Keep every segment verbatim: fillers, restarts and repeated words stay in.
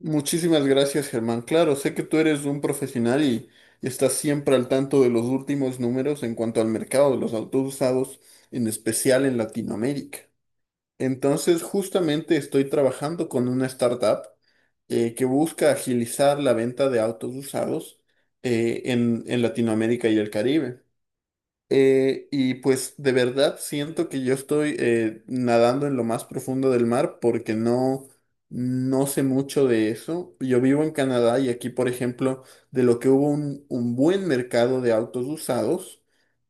Muchísimas gracias, Germán. Claro, sé que tú eres un profesional y estás siempre al tanto de los últimos números en cuanto al mercado de los autos usados, en especial en Latinoamérica. Entonces, justamente estoy trabajando con una startup eh, que busca agilizar la venta de autos usados eh, en, en Latinoamérica y el Caribe. Eh, y pues de verdad siento que yo estoy eh, nadando en lo más profundo del mar porque no, no sé mucho de eso. Yo vivo en Canadá y aquí, por ejemplo, de lo que hubo un, un buen mercado de autos usados,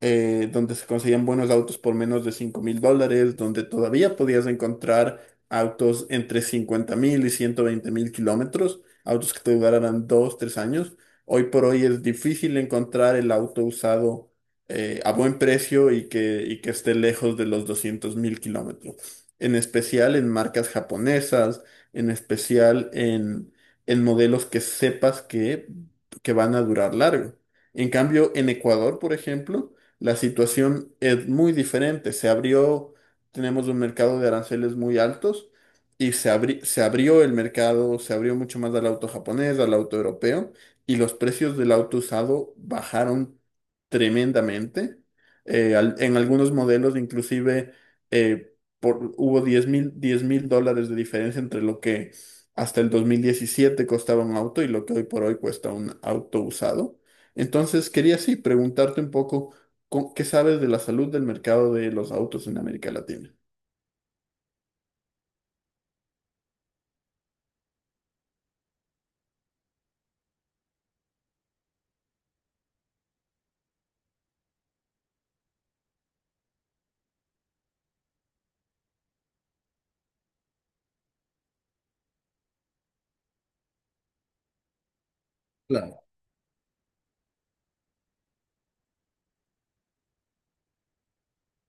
eh, donde se conseguían buenos autos por menos de cinco mil dólares, donde todavía podías encontrar autos entre cincuenta mil y ciento veinte mil kilómetros, autos que te duraran dos tres años. Hoy por hoy es difícil encontrar el auto usado eh, a buen precio y que, y que esté lejos de los doscientos mil kilómetros. En especial en marcas japonesas, en especial en, en modelos que sepas que, que van a durar largo. En cambio, en Ecuador, por ejemplo, la situación es muy diferente. Se abrió, tenemos un mercado de aranceles muy altos y se abri- se abrió el mercado, se abrió mucho más al auto japonés, al auto europeo y los precios del auto usado bajaron tremendamente. Eh, al- en algunos modelos inclusive eh, por, hubo diez mil, diez mil dólares de diferencia entre lo que hasta el dos mil diecisiete costaba un auto y lo que hoy por hoy cuesta un auto usado. Entonces quería sí preguntarte un poco co- qué sabes de la salud del mercado de los autos en América Latina. Claro,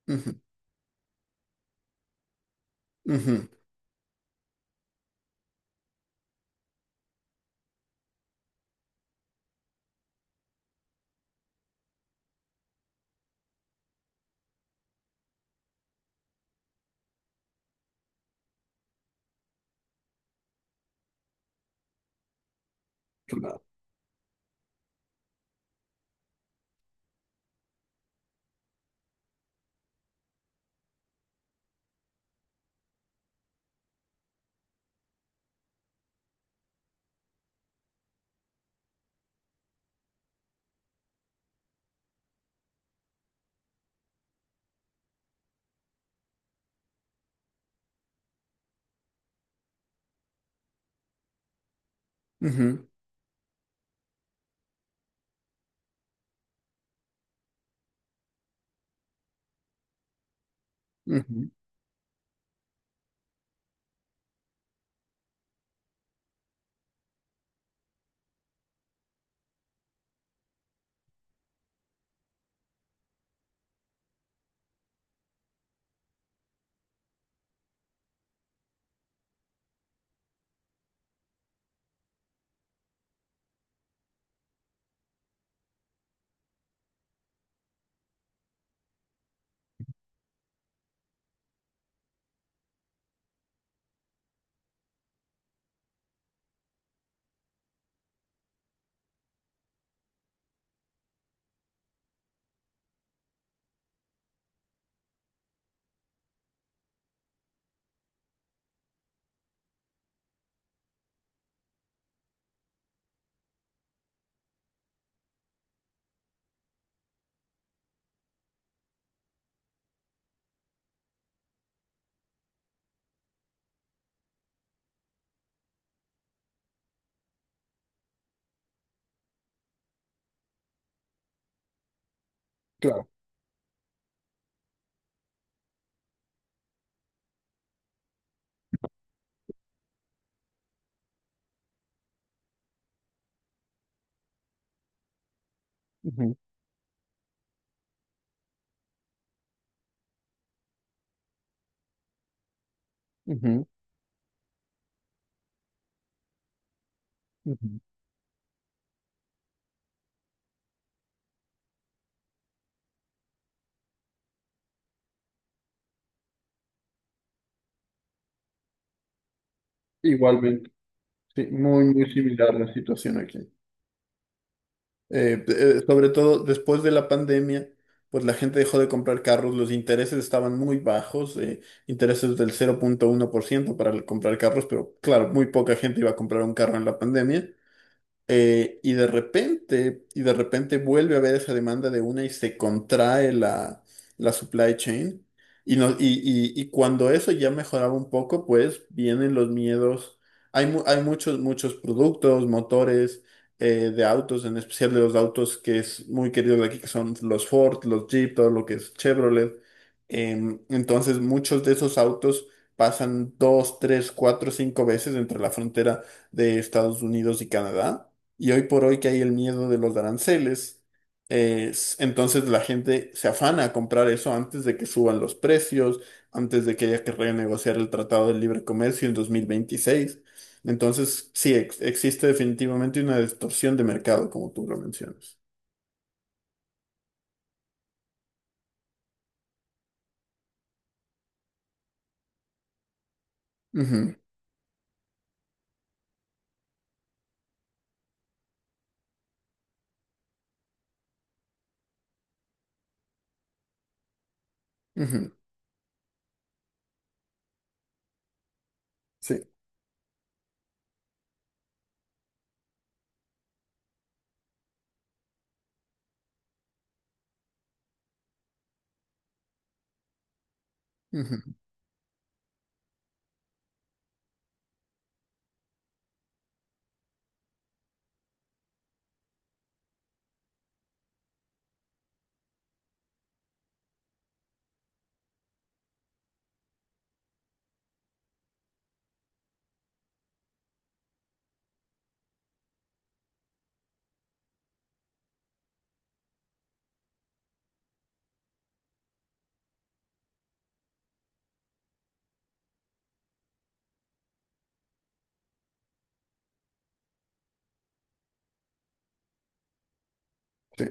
ujú, ujú, claro, ujú, ujú, claro. Ujú, ujú, ujú. Igualmente. Sí, muy, muy similar la situación aquí. Eh, eh, sobre todo después de la pandemia, pues la gente dejó de comprar carros, los intereses estaban muy bajos, eh, intereses del cero punto uno por ciento para el- comprar carros, pero claro, muy poca gente iba a comprar un carro en la pandemia. Eh, y de repente, y de repente vuelve a haber esa demanda de una y se contrae la, la supply chain. Y, no, y, y- y cuando eso ya mejoraba un poco, pues vienen los miedos. Hay, mu- hay muchos, muchos productos, motores eh, de autos, en especial de los autos que es muy querido de aquí, que son los Ford, los Jeep, todo lo que es Chevrolet. Em, entonces, muchos de esos autos pasan dos, tres, cuatro, cinco veces entre la frontera de Estados Unidos y Canadá. Y hoy por hoy que hay el miedo de los aranceles, es- entonces la gente se afana a comprar eso antes de que suban los precios, antes de que haya que renegociar el Tratado de Libre Comercio en dos mil veintiséis. Entonces, sí, ex- existe definitivamente una distorsión de mercado, como tú lo mencionas. Ujú, ujú, sí, ujú, sí,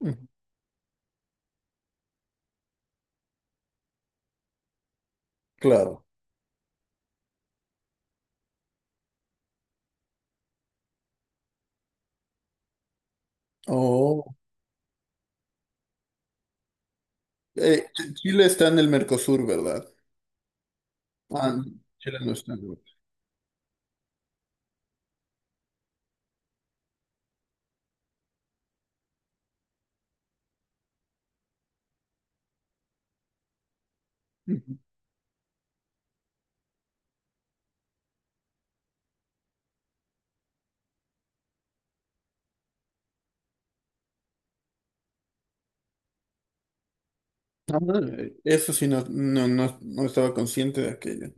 ujú, claro. Oh. eh, Ch- Chile está en el Mercosur, ¿verdad? Ah. Chile no está en el Mercosur. Ah. Eso sí, no, no, no, no estaba consciente de aquello.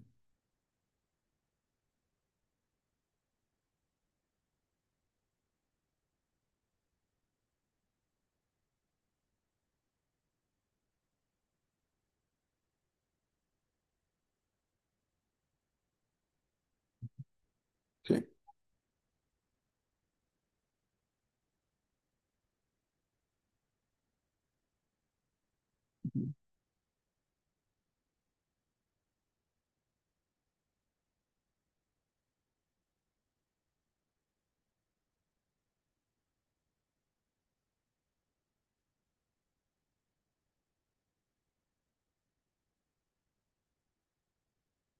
Sí,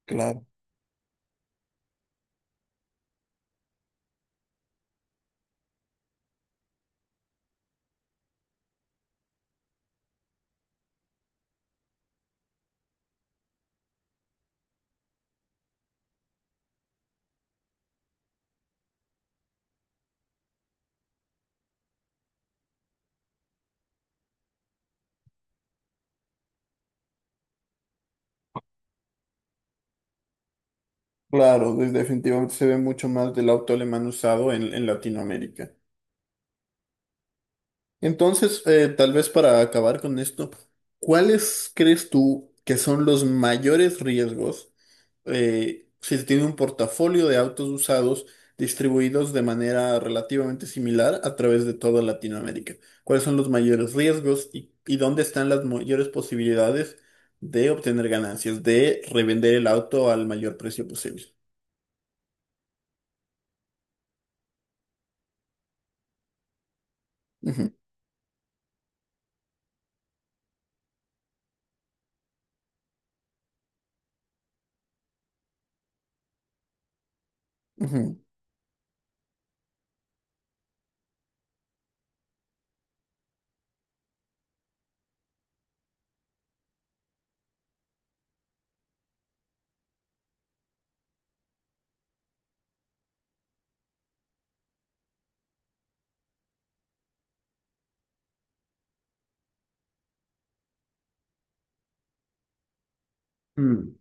claro. Claro, de- definitivamente se ve mucho más del auto alemán usado en, en Latinoamérica. Entonces, eh, tal vez para acabar con esto, ¿cuáles crees tú que son los mayores riesgos? eh, se tiene un portafolio de autos usados distribuidos de manera relativamente similar a través de toda Latinoamérica. ¿Cuáles son los mayores riesgos y, y dónde están las mayores posibilidades de obtener ganancias, de revender el auto al mayor precio posible? Ujú, ujú. Mm.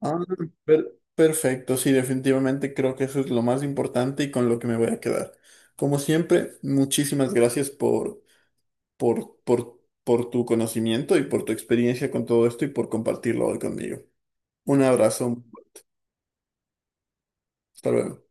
Ah, per- perfecto, sí, definitivamente creo que eso es lo más importante y con lo que me voy a quedar. Como siempre, muchísimas gracias por por, por, por tu conocimiento y por tu experiencia con todo esto y por compartirlo hoy conmigo. Un abrazo, hasta luego.